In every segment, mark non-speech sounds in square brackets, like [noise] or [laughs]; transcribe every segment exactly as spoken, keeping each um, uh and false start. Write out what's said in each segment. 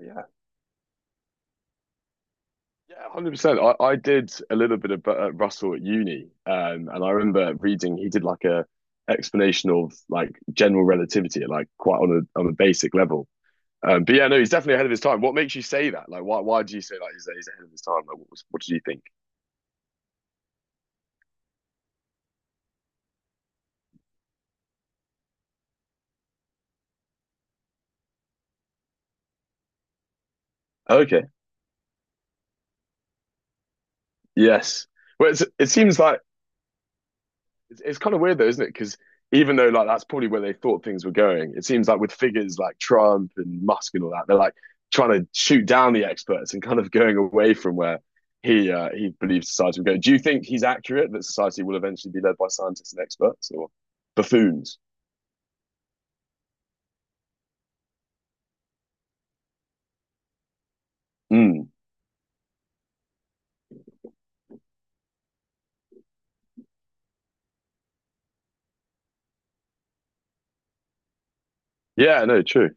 Yeah, yeah, one hundred percent. I, I did a little bit of uh, Russell at uni, um, and I remember reading he did like a explanation of like general relativity, like quite on a on a basic level. Um, but yeah, no, he's definitely ahead of his time. What makes you say that? Like, why why do you say like he's, he's ahead of his time? Like, what, what did you think? Okay, yes. Well, it's, it seems like It's, it's kind of weird though, isn't it? Because even though like that's probably where they thought things were going, it seems like with figures like Trump and Musk and all that, they're like trying to shoot down the experts and kind of going away from where he uh, he believes society will go. Do you think he's accurate that society will eventually be led by scientists and experts or buffoons? Mm. Yeah, no, true.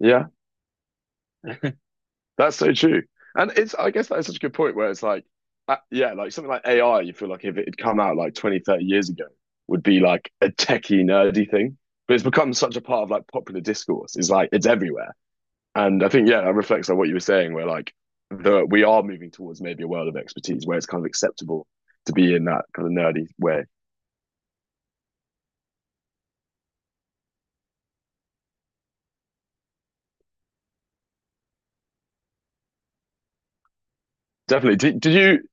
Yeah. That's so true. And it's, I guess that's such a good point where it's like, uh, yeah, like something like A I, you feel like if it had come out like twenty, thirty years ago, would be like a techie, nerdy thing. But it's become such a part of like popular discourse. It's like, it's everywhere. And I think, yeah, that reflects on what you were saying, where like the, we are moving towards maybe a world of expertise where it's kind of acceptable to be in that kind of nerdy way. Definitely. Did, did you,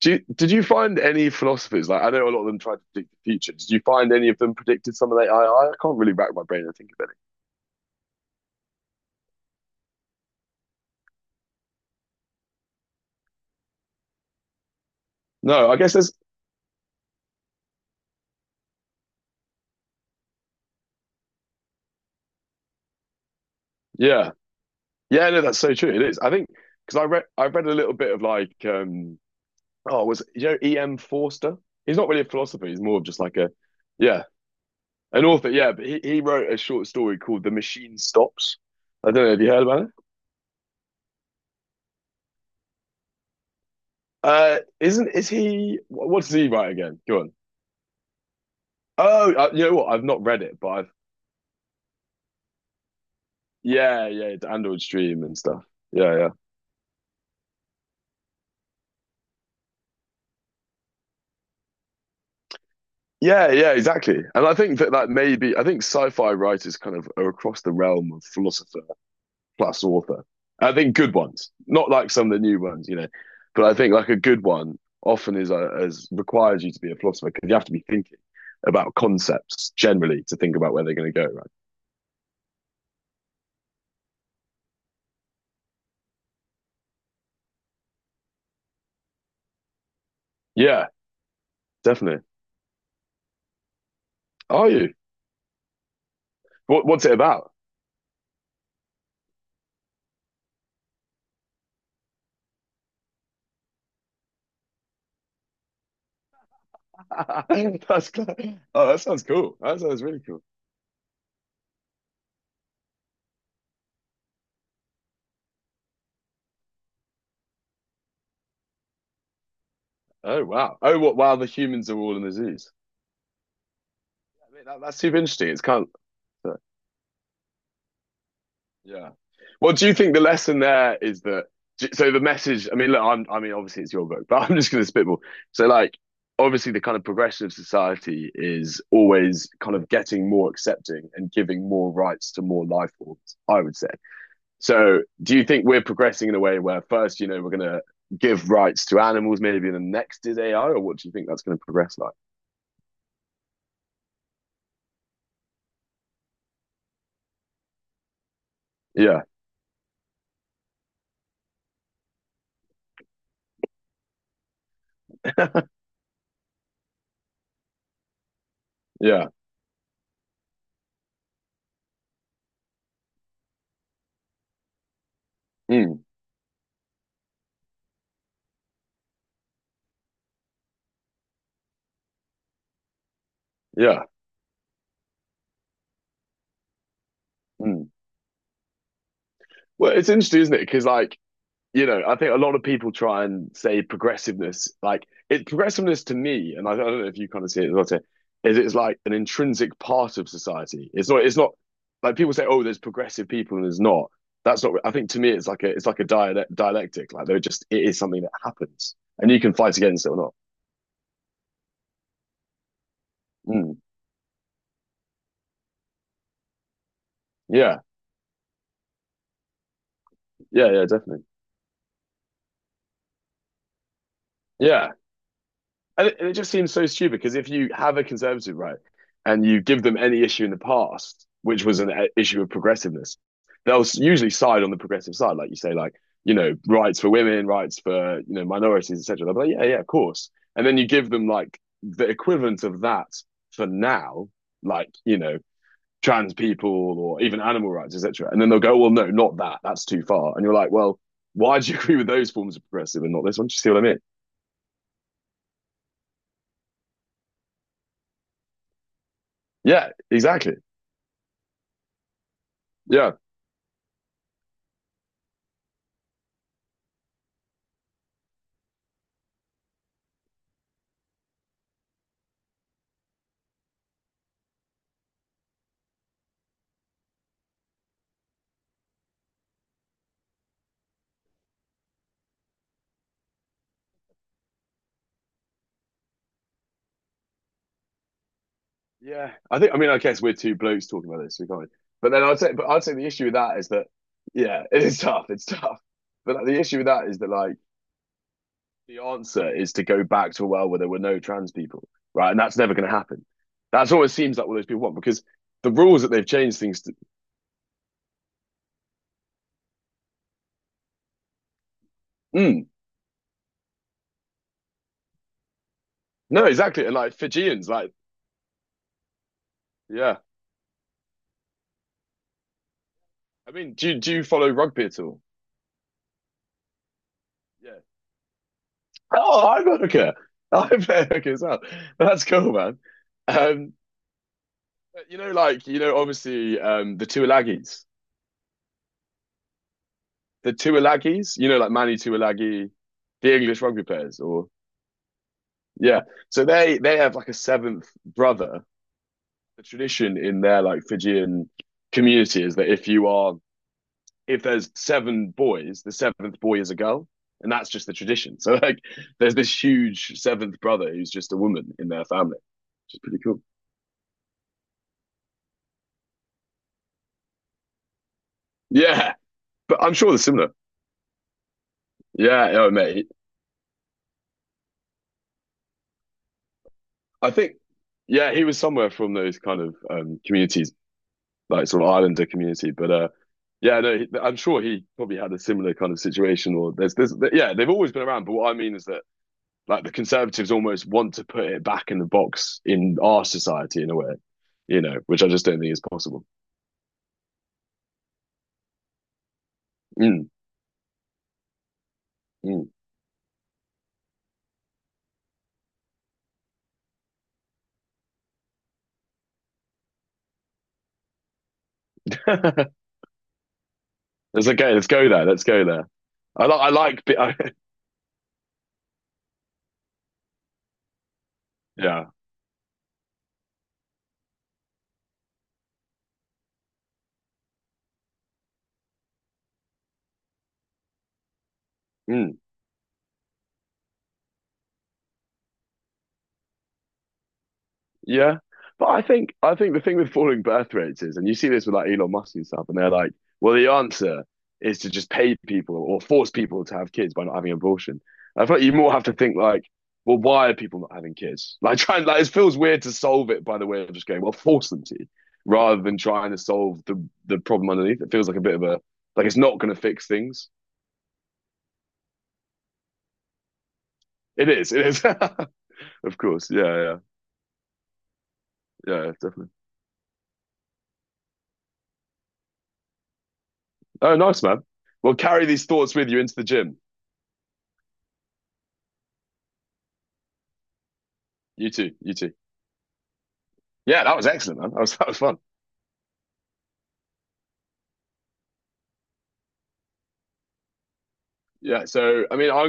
do you, did you find any philosophers? Like, I know a lot of them tried to predict the future. Did you find any of them predicted some of the A I? I I can't really rack my brain and think of. No, I guess there's, yeah. Yeah, no, that's so true. It is. I think because I read I read a little bit of like um oh was it- you know E M. Forster? He's not really a philosopher, he's more of just like a, yeah, an author, yeah, but he, he wrote a short story called The Machine Stops. I don't know if you heard about it. Uh isn't is he wh- What does he write again? Go on. Oh, uh, you know what? I've not read it, but I've, yeah, yeah, the Android Stream and stuff. Yeah, yeah. Yeah, yeah, exactly. And I think that that may be, I think sci-fi writers kind of are across the realm of philosopher plus author. I think good ones, not like some of the new ones, you know. But I think like a good one often is uh, as requires you to be a philosopher because you have to be thinking about concepts generally to think about where they're going to go. Right? Yeah, definitely. Are you? What, what's it about? [laughs] That's cool. Oh, that sounds cool. That sounds really cool. Oh wow. Oh, what? Wow, the humans are all in the zoos. Yeah, I mean, that, that's super interesting. It's kind of. Yeah. Well, do you think the lesson there is that? So the message. I mean, look. I'm. I mean, obviously it's your book, [laughs] but I'm just going to spitball. So, like, obviously the kind of progression of society is always kind of getting more accepting and giving more rights to more life forms, I would say. So, do you think we're progressing in a way where first, you know, we're going to give rights to animals, maybe the next is A I, or what do you think that's going to progress like? Yeah. [laughs] Yeah. Mm. Yeah. Mm. Well, it's interesting, isn't it? Because like, you know, I think a lot of people try and say progressiveness, like it progressiveness to me, and I don't know if you kind of see it as well, too, is it's like an intrinsic part of society. It's not, it's not like people say, oh, there's progressive people and there's not. That's not, I think to me, it's like a, it's like a dialect, dialectic. Like they're just, it is something that happens and you can fight against it or not. Mm. Yeah. Yeah. Yeah. Definitely. Yeah. And it, and it just seems so stupid because if you have a conservative right and you give them any issue in the past, which was an uh, issue of progressiveness, they'll usually side on the progressive side, like you say, like you know rights for women, rights for you know minorities, et cetera. They'll be like, yeah, yeah, of course. And then you give them like the equivalent of that for now, like you know trans people or even animal rights, et cetera. And then they'll go, well, no, not that. That's too far. And you're like, well, why do you [laughs] agree with those forms of progressive and not this one? Do you see what I mean? Yeah, exactly. Yeah. Yeah, I think. I mean, I guess we're two blokes talking about this, so we can't really. But then I'd say, but I'd say the issue with that is that, yeah, [laughs] it is tough. It's tough. But like, the issue with that is that like the answer is to go back to a world where there were no trans people, right? And that's never going to happen. That's what it seems like all those people want because the rules that they've changed things to. Mm, no, exactly. And like Fijians, like yeah. I mean, do you, do you follow rugby at all? Yeah. Oh, I'm a hooker. I play a hooker [laughs] as well. That's cool, man. Um, You know, like you know, obviously um, the Tuilagis, the Tuilagis. You know, like Manny Tuilagi, the English rugby players, or yeah. So they they have like a seventh brother. The tradition in their like Fijian community is that if you are if there's seven boys, the seventh boy is a girl, and that's just the tradition. So like, there's this huge seventh brother who's just a woman in their family, which is pretty cool. Yeah, but I'm sure they're similar. Yeah, oh mate, I think, yeah, he was somewhere from those kind of um, communities, like sort of Islander community. But uh, yeah, no, he- I'm sure he probably had a similar kind of situation. Or there's, there's, yeah, they've always been around. But what I mean is that like the conservatives almost want to put it back in the box in our society in a way, you know, which I just don't think is possible. Mm, mm. [laughs] It's okay. Let's go there. Let's go there. I like, I like, bi- [laughs] yeah. Mm. Yeah. But I think I think the thing with falling birth rates is, and you see this with like Elon Musk and stuff, and they're like, well, the answer is to just pay people or force people to have kids by not having an abortion. I thought you more have to think like, well, why are people not having kids? [laughs] Like trying like it feels weird to solve it by the way of just going, well, force them to, rather than trying to solve the the problem underneath. It feels like a bit of a like it's not gonna fix things. It is, it is. [laughs] Of course. Yeah, yeah. Yeah, definitely. Oh, nice man. Well, carry these thoughts with you into the gym. You too. You too. Yeah, that was excellent, man. That was that was fun. Yeah. So I mean, I